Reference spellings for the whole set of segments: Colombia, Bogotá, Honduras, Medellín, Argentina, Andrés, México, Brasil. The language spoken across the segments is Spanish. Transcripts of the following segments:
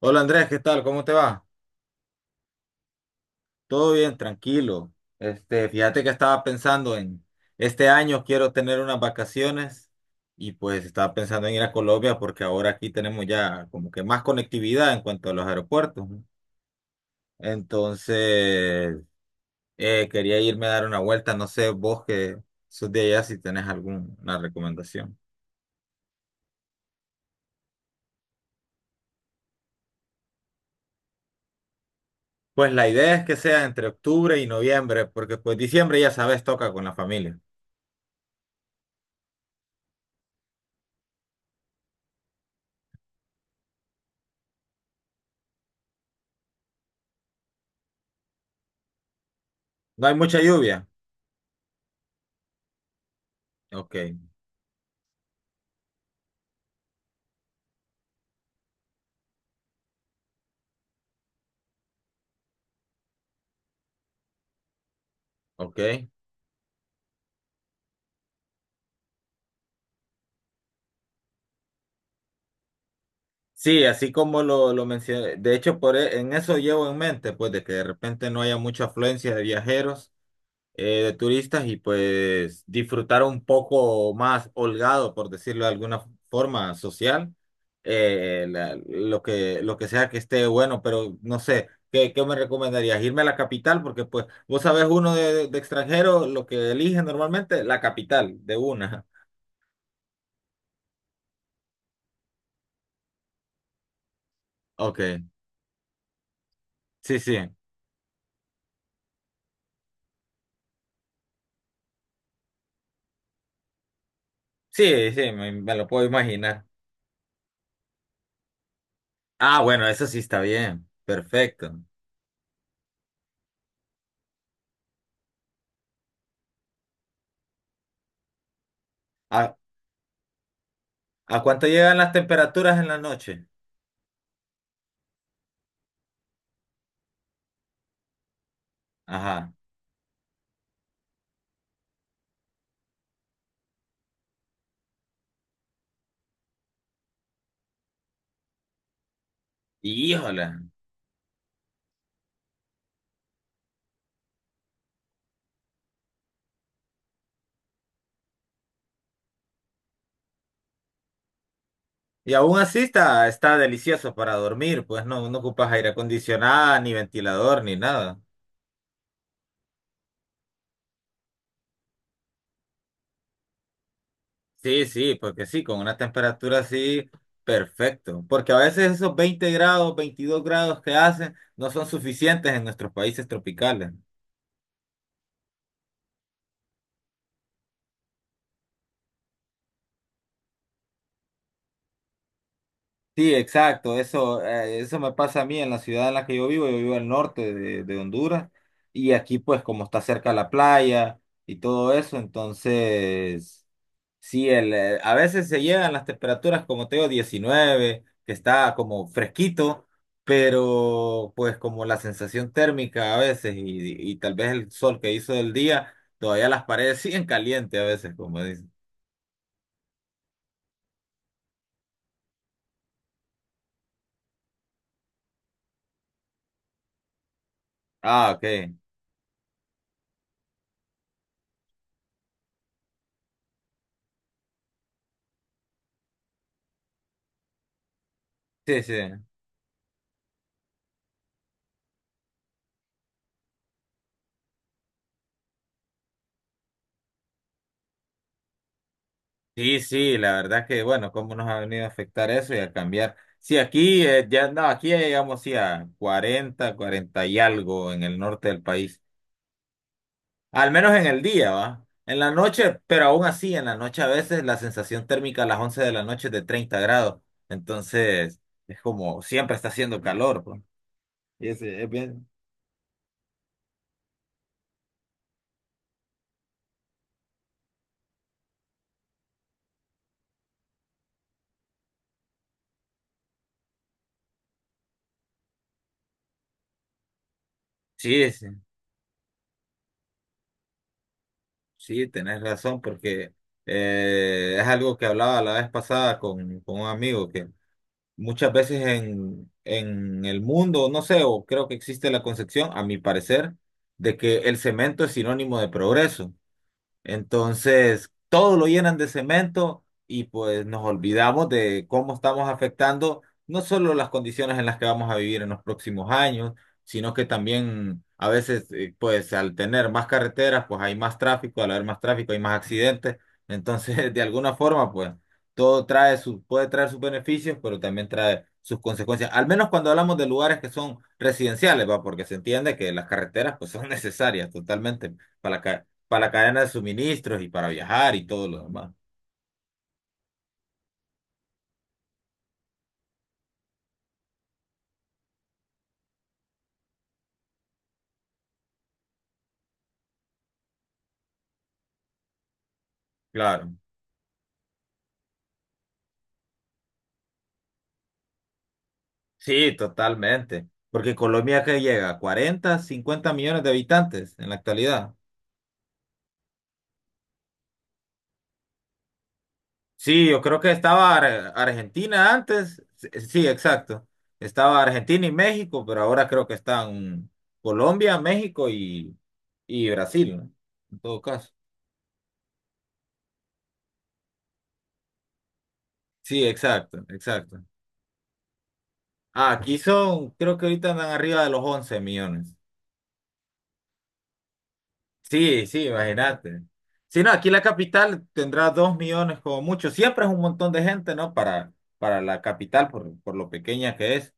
Hola Andrés, ¿qué tal? ¿Cómo te va? Todo bien, tranquilo. Este, fíjate que estaba pensando en este año quiero tener unas vacaciones y pues estaba pensando en ir a Colombia porque ahora aquí tenemos ya como que más conectividad en cuanto a los aeropuertos, ¿no? Entonces, quería irme a dar una vuelta, no sé, vos que sos de allá si tenés alguna recomendación. Pues la idea es que sea entre octubre y noviembre, porque pues diciembre ya sabes, toca con la familia. No hay mucha lluvia. Ok, ok. Sí, así como lo mencioné, de hecho por e- en eso llevo en mente, pues de que de repente no haya mucha afluencia de viajeros, de turistas y pues disfrutar un poco más holgado, por decirlo de alguna forma social, lo que sea que esté bueno, pero no sé, ¿qué me recomendarías? Irme a la capital, porque pues vos sabés uno de extranjero, lo que elige normalmente, la capital, de una. Ok, sí, sí, sí, sí, me lo puedo imaginar. Ah, bueno, eso sí está bien. Perfecto. ¿A, a cuánto llegan las temperaturas en la noche? Ajá. Híjole. Y aún así está delicioso para dormir, pues no, no ocupas aire acondicionado, ni ventilador, ni nada. Sí, sí, porque sí, con una temperatura así, perfecto. Porque a veces esos 20 grados, 22 grados que hacen no son suficientes en nuestros países tropicales. Sí, exacto, eso me pasa a mí en la ciudad en la que yo vivo al norte de Honduras y aquí pues como está cerca la playa y todo eso, entonces sí, a veces se llegan las temperaturas como te digo 19, que está como fresquito, pero pues como la sensación térmica a veces y tal vez el sol que hizo del día, todavía las paredes siguen calientes a veces, como dicen. Ah, ok, sí, sí. Sí, sí, la verdad que bueno, cómo nos ha venido a afectar eso y a cambiar. Sí, aquí ya no, aquí ya llegamos sí, a 40, 40 y algo en el norte del país, al menos en el día, ¿va? En la noche, pero aún así, en la noche a veces la sensación térmica a las 11 de la noche es de 30 grados, entonces es como siempre está haciendo calor, pues. Y es bien. Sí, sí, sí, tenés razón, porque es algo que hablaba la vez pasada con un amigo que muchas veces en el mundo, no sé, o creo que existe la concepción, a mi parecer, de que el cemento es sinónimo de progreso. Entonces, todo lo llenan de cemento y pues nos olvidamos de cómo estamos afectando no solo las condiciones en las que vamos a vivir en los próximos años, sino que también a veces, pues al tener más carreteras, pues hay más tráfico, al haber más tráfico hay más accidentes. Entonces, de alguna forma, pues todo trae su, puede traer sus beneficios, pero también trae sus consecuencias. Al menos cuando hablamos de lugares que son residenciales, ¿va? Porque se entiende que las carreteras pues son necesarias totalmente para, la ca- para la cadena de suministros y para viajar y todo lo demás. Claro, sí, totalmente. Porque Colombia que llega a 40, 50 millones de habitantes en la actualidad. Sí, yo creo que estaba Argentina antes. Sí, sí, exacto. Estaba Argentina y México, pero ahora creo que están Colombia, México y Brasil, ¿no? En todo caso. Sí, exacto, exacto. Ah, aquí son, creo que ahorita andan arriba de los 11 millones. Sí, sí, imagínate. Si no, aquí la capital tendrá 2 millones como mucho. Siempre es un montón de gente, ¿no? Para la capital, por lo pequeña que es.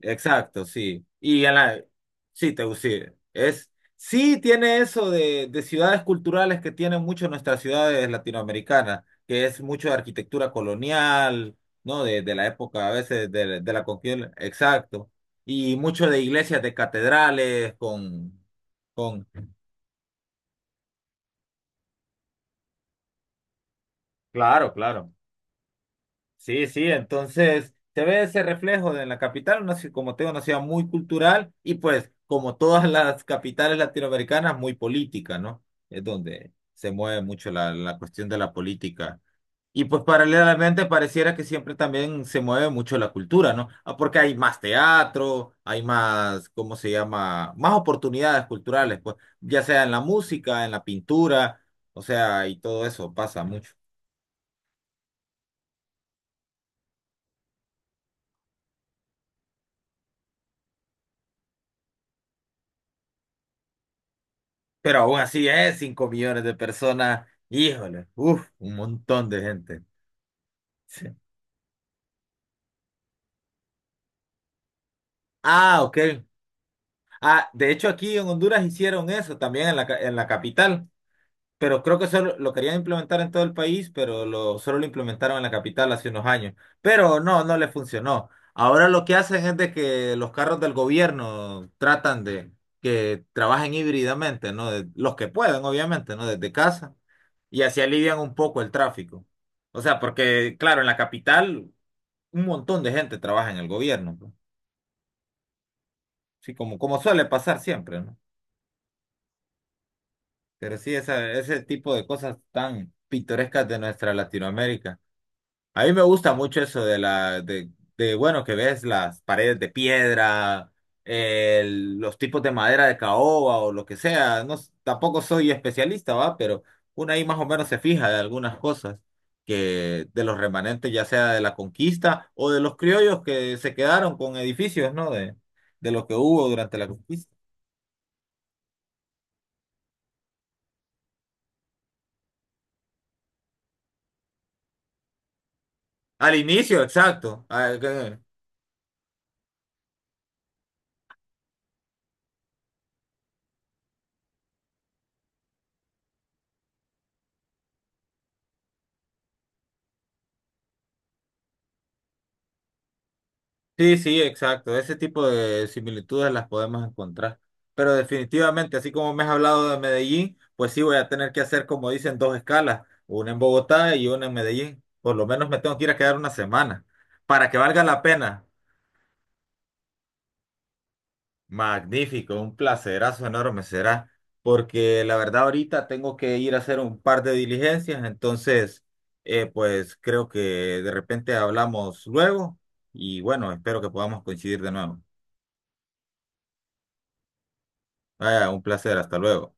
Exacto, sí. Y en la... Sí, te sí, es... Sí tiene eso de ciudades culturales que tienen mucho nuestras ciudades latinoamericanas, que es mucho de arquitectura colonial, ¿no? De la época, a veces, de la conquista. Exacto. Y mucho de iglesias, de catedrales, con... Claro, claro. Sí, sí, entonces se ve ese reflejo de la capital, como tengo una ciudad muy cultural y pues como todas las capitales latinoamericanas, muy política, ¿no? Es donde se mueve mucho la cuestión de la política. Y pues paralelamente pareciera que siempre también se mueve mucho la cultura, ¿no? Ah, porque hay más teatro, hay más, ¿cómo se llama? Más oportunidades culturales, pues, ya sea en la música, en la pintura, o sea, y todo eso pasa mucho. Pero aún así es 5 millones de personas. Híjole, uff, un montón de gente. Sí. Ah, ok. Ah, de hecho aquí en Honduras hicieron eso también en la capital. Pero creo que solo lo querían implementar en todo el país, pero solo lo implementaron en la capital hace unos años. Pero no, no le funcionó. Ahora lo que hacen es de que los carros del gobierno tratan de que trabajen híbridamente, ¿no? Los que pueden, obviamente, ¿no? Desde casa. Y así alivian un poco el tráfico. O sea, porque, claro, en la capital un montón de gente trabaja en el gobierno, ¿no? Sí, como suele pasar siempre, ¿no? Pero sí, esa, ese tipo de cosas tan pintorescas de nuestra Latinoamérica. A mí me gusta mucho eso de la, bueno, que ves las paredes de piedra, los tipos de madera de caoba o lo que sea. No, tampoco soy especialista, ¿va? Pero uno ahí más o menos se fija de algunas cosas que de los remanentes, ya sea de la conquista o de los criollos que se quedaron con edificios, ¿no? De lo que hubo durante la conquista. Al inicio, exacto. Ah, sí, sí, exacto. Ese tipo de similitudes las podemos encontrar. Pero definitivamente, así como me has hablado de Medellín, pues sí voy a tener que hacer, como dicen, dos escalas, una en Bogotá y una en Medellín. Por lo menos me tengo que ir a quedar una semana, para que valga la pena. Magnífico, un placerazo enorme será, porque la verdad ahorita tengo que ir a hacer un par de diligencias, entonces, pues creo que de repente hablamos luego y bueno, espero que podamos coincidir de nuevo. Vaya, un placer, hasta luego.